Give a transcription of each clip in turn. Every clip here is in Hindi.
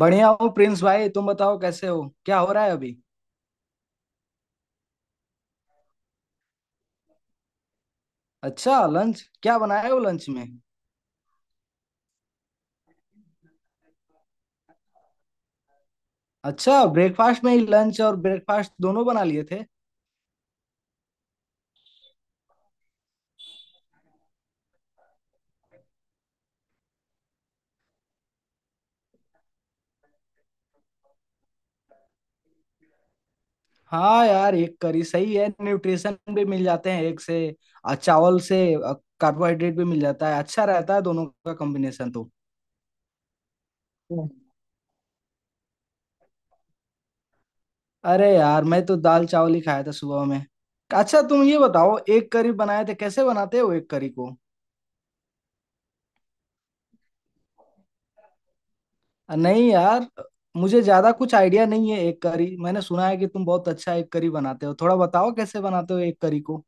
बढ़िया हूँ प्रिंस भाई, तुम बताओ कैसे हो, क्या हो रहा है अभी। अच्छा लंच क्या बनाए हो लंच में। अच्छा, ब्रेकफास्ट में ही लंच और ब्रेकफास्ट दोनों बना लिए थे। हाँ यार, एक करी सही है, न्यूट्रिशन भी मिल जाते हैं एक से और चावल से कार्बोहाइड्रेट भी मिल जाता है। अच्छा रहता है दोनों का कॉम्बिनेशन तो। हम्म। अरे यार, मैं तो दाल चावल ही खाया था सुबह में। अच्छा तुम ये बताओ, एक करी बनाए थे, कैसे बनाते हो एक करी को। नहीं यार, मुझे ज्यादा कुछ आइडिया नहीं है एक करी। मैंने सुना है कि तुम बहुत अच्छा एक करी बनाते हो, थोड़ा बताओ कैसे बनाते हो एक करी को।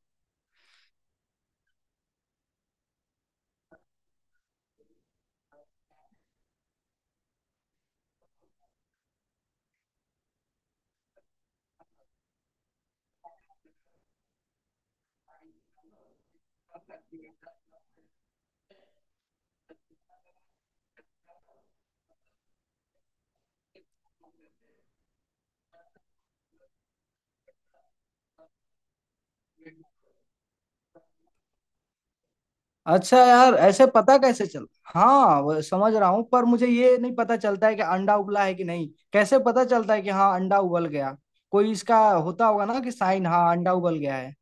अच्छा यार, ऐसे पता कैसे चल। हाँ वो समझ रहा हूँ, पर मुझे ये नहीं पता चलता है कि अंडा उबला है कि नहीं। कैसे पता चलता है कि हाँ अंडा उबल गया। कोई इसका होता होगा ना कि साइन, हाँ अंडा उबल गया है।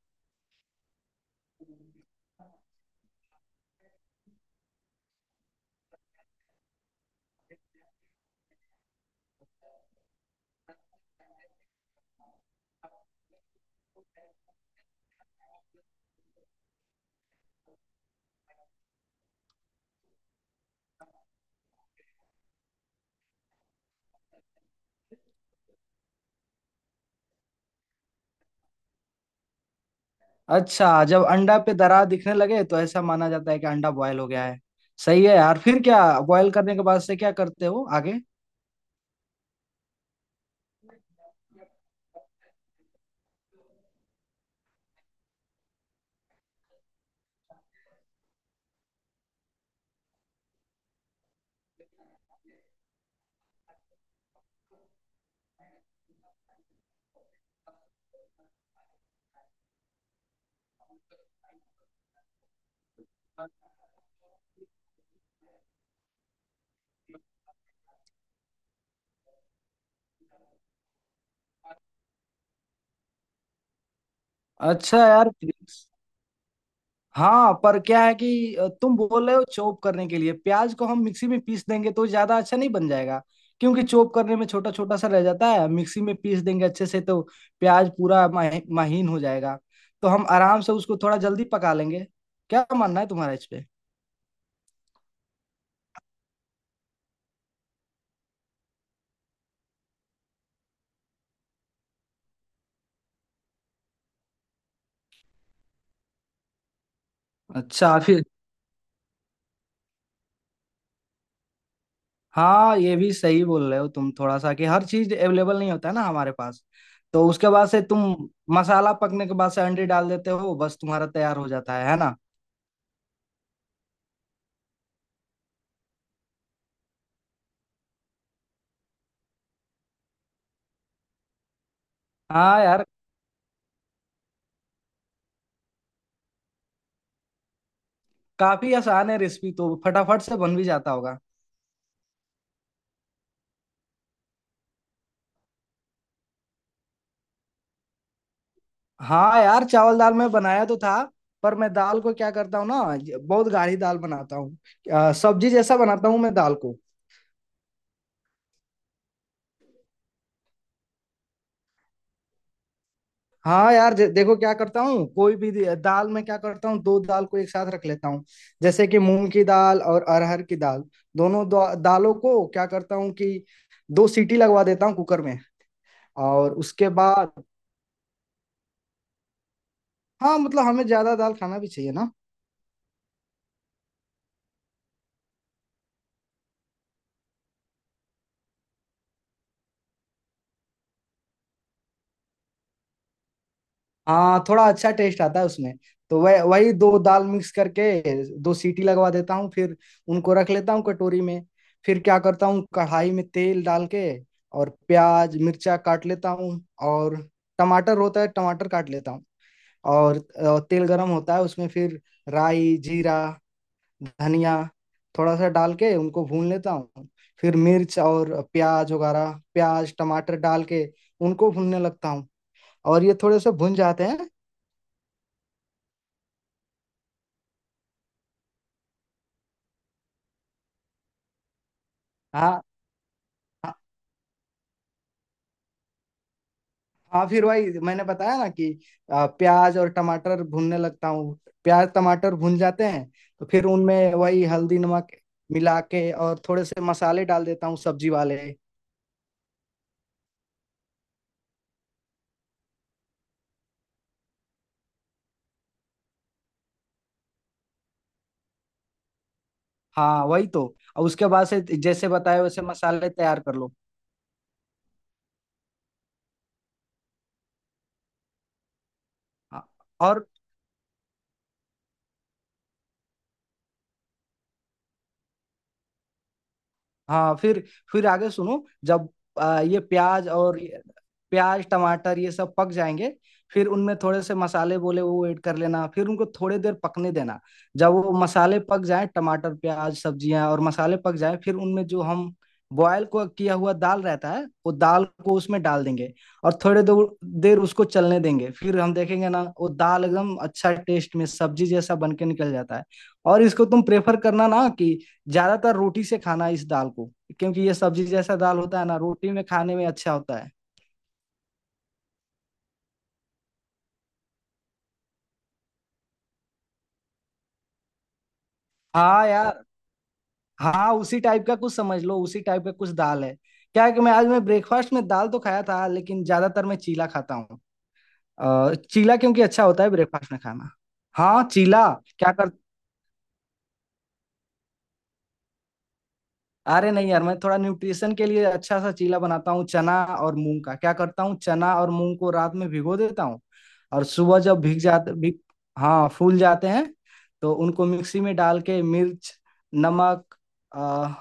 अच्छा, जब अंडा पे दरार दिखने लगे तो ऐसा माना जाता है कि अंडा बॉयल हो गया है। सही है यार। फिर क्या बॉयल करने के बाद से क्या करते हो आगे। अच्छा यार। हाँ पर क्या है कि तुम बोल रहे हो चॉप करने के लिए प्याज को, हम मिक्सी में पीस देंगे तो ज्यादा अच्छा नहीं बन जाएगा? क्योंकि चॉप करने में छोटा छोटा सा रह जाता है, मिक्सी में पीस देंगे अच्छे से तो प्याज पूरा महीन हो जाएगा। तो हम आराम से उसको थोड़ा जल्दी पका लेंगे। क्या मानना है तुम्हारा इस पे। अच्छा फिर। हाँ, ये भी सही बोल रहे हो तुम थोड़ा सा, कि हर चीज अवेलेबल नहीं होता है ना हमारे पास। तो उसके बाद से तुम मसाला पकने के बाद से अंडे डाल देते हो, बस तुम्हारा तैयार हो जाता है ना। हाँ यार, काफी आसान है रेसिपी तो, फटाफट से बन भी जाता होगा। हाँ यार, चावल दाल मैं बनाया तो था, पर मैं दाल को क्या करता हूँ ना, बहुत गाढ़ी दाल बनाता हूँ। सब्जी जैसा बनाता हूँ मैं दाल को। हाँ यार, देखो क्या करता हूँ, कोई भी दाल में क्या करता हूँ, दो दाल को एक साथ रख लेता हूँ। जैसे कि मूंग की दाल और अरहर की दाल। दोनों दालों को क्या करता हूँ कि दो सीटी लगवा देता हूँ कुकर में। और उसके बाद। हाँ मतलब हमें ज्यादा दाल खाना भी चाहिए ना। हाँ, थोड़ा अच्छा टेस्ट आता है उसमें। तो वह वही दो दाल मिक्स करके दो सीटी लगवा देता हूँ, फिर उनको रख लेता हूँ कटोरी में। फिर क्या करता हूँ, कढ़ाई में तेल डाल के और प्याज मिर्चा काट लेता हूँ। और टमाटर होता है, टमाटर काट लेता हूँ। और तेल गरम होता है उसमें, फिर राई, जीरा, धनिया थोड़ा सा डाल के उनको भून लेता हूँ। फिर मिर्च और प्याज वगैरह, प्याज टमाटर डाल के उनको भूनने लगता हूँ। और ये थोड़े से भुन जाते हैं। हाँ हाँ हाँ, फिर वही मैंने बताया ना कि प्याज और टमाटर भूनने लगता हूँ। प्याज टमाटर भून जाते हैं तो फिर उनमें वही हल्दी नमक मिला के और थोड़े से मसाले डाल देता हूँ सब्जी वाले। हाँ वही तो। और उसके बाद से जैसे बताया वैसे मसाले तैयार कर लो। हाँ, और हाँ, फिर आगे सुनो, जब ये प्याज और प्याज टमाटर ये सब पक जाएंगे, फिर उनमें थोड़े से मसाले बोले वो ऐड कर लेना, फिर उनको थोड़ी देर पकने देना। जब वो मसाले पक जाए, टमाटर प्याज सब्जियां और मसाले पक जाए, फिर उनमें जो हम बॉयल को किया हुआ दाल रहता है वो दाल को उसमें डाल देंगे। और थोड़े दो देर उसको चलने देंगे, फिर हम देखेंगे ना वो दाल एकदम अच्छा टेस्ट में सब्जी जैसा बन के निकल जाता है। और इसको तुम प्रेफर करना ना कि ज्यादातर रोटी से खाना इस दाल को, क्योंकि ये सब्जी जैसा दाल होता है ना, रोटी में खाने में अच्छा होता है। हाँ यार। हाँ उसी टाइप का कुछ समझ लो, उसी टाइप का कुछ दाल है। क्या है कि मैं आज मैं ब्रेकफास्ट में दाल तो खाया था, लेकिन ज्यादातर मैं चीला खाता हूँ। चीला क्योंकि अच्छा होता है ब्रेकफास्ट में खाना। हाँ चीला। क्या, अरे नहीं यार, मैं थोड़ा न्यूट्रिशन के लिए अच्छा सा चीला बनाता हूँ चना और मूंग का। क्या करता हूँ, चना और मूंग को रात में भिगो देता हूँ। और सुबह जब भीग, हाँ फूल जाते हैं, तो उनको मिक्सी में डाल के मिर्च, नमक, अ,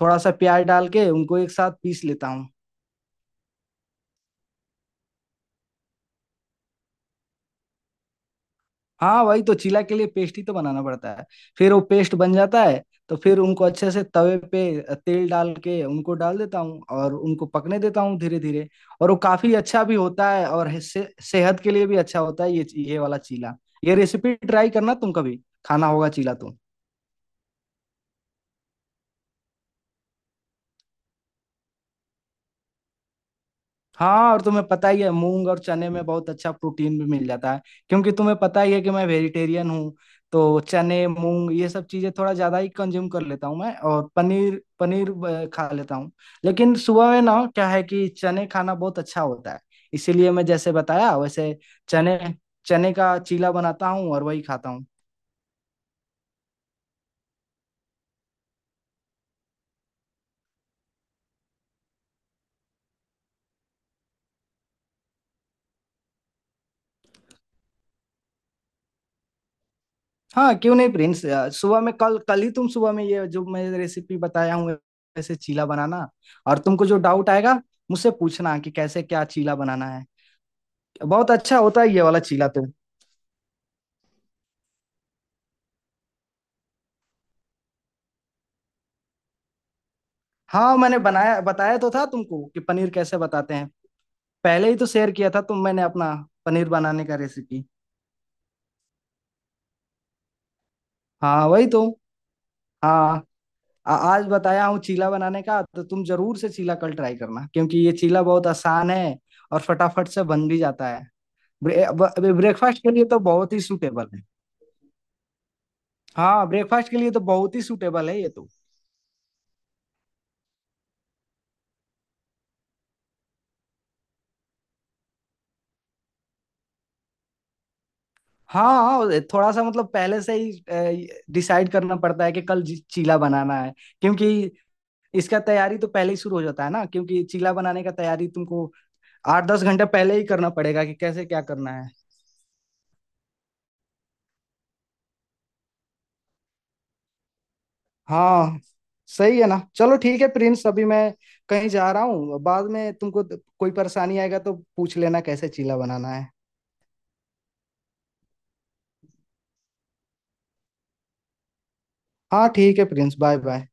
थोड़ा सा प्याज डाल के उनको एक साथ पीस लेता हूँ। हाँ वही तो, चीला के लिए पेस्ट ही तो बनाना पड़ता है। फिर वो पेस्ट बन जाता है, तो फिर उनको अच्छे से तवे पे तेल डाल के उनको डाल देता हूँ और उनको पकने देता हूँ धीरे धीरे। और वो काफी अच्छा भी होता है, और सेहत के लिए भी अच्छा होता है ये वाला चीला। ये रेसिपी ट्राई करना तुम कभी, खाना होगा चीला तो। हाँ, और तुम्हें पता ही है मूंग और चने में बहुत अच्छा प्रोटीन भी मिल जाता है। क्योंकि तुम्हें पता ही है कि मैं वेजिटेरियन हूँ, तो चने मूंग ये सब चीजें थोड़ा ज्यादा ही कंज्यूम कर लेता हूँ मैं। और पनीर पनीर खा लेता हूँ। लेकिन सुबह में ना क्या है कि चने खाना बहुत अच्छा होता है, इसीलिए मैं जैसे बताया वैसे चने चने का चीला बनाता हूँ और वही खाता हूँ। हाँ क्यों नहीं प्रिंस, सुबह में कल कल ही तुम सुबह में ये जो मैं रेसिपी बताया हूँ ऐसे चीला बनाना। और तुमको जो डाउट आएगा मुझसे पूछना कि कैसे क्या चीला बनाना है। बहुत अच्छा होता है ये वाला चीला तो। हाँ मैंने बनाया, बताया तो था तुमको कि पनीर कैसे बताते हैं। पहले ही तो शेयर किया था तुम मैंने अपना पनीर बनाने का रेसिपी। हाँ वही तो। हाँ। आज बताया हूँ चीला बनाने का, तो तुम जरूर से चीला कल ट्राई करना, क्योंकि ये चीला बहुत आसान है और फटाफट से बन भी जाता है। ब्रेकफास्ट के लिए तो बहुत ही सूटेबल है। हाँ ब्रेकफास्ट के लिए तो बहुत ही सूटेबल है ये तो। हाँ थोड़ा सा मतलब पहले से ही डिसाइड करना पड़ता है कि कल चीला बनाना है, क्योंकि इसका तैयारी तो पहले ही शुरू हो जाता है ना। क्योंकि चीला बनाने का तैयारी तुमको 8-10 घंटे पहले ही करना पड़ेगा कि कैसे क्या करना है। हाँ सही है ना। चलो ठीक है प्रिंस, अभी मैं कहीं जा रहा हूँ, बाद में तुमको कोई परेशानी आएगा तो पूछ लेना कैसे चीला बनाना है। हाँ ठीक है प्रिंस, बाय बाय।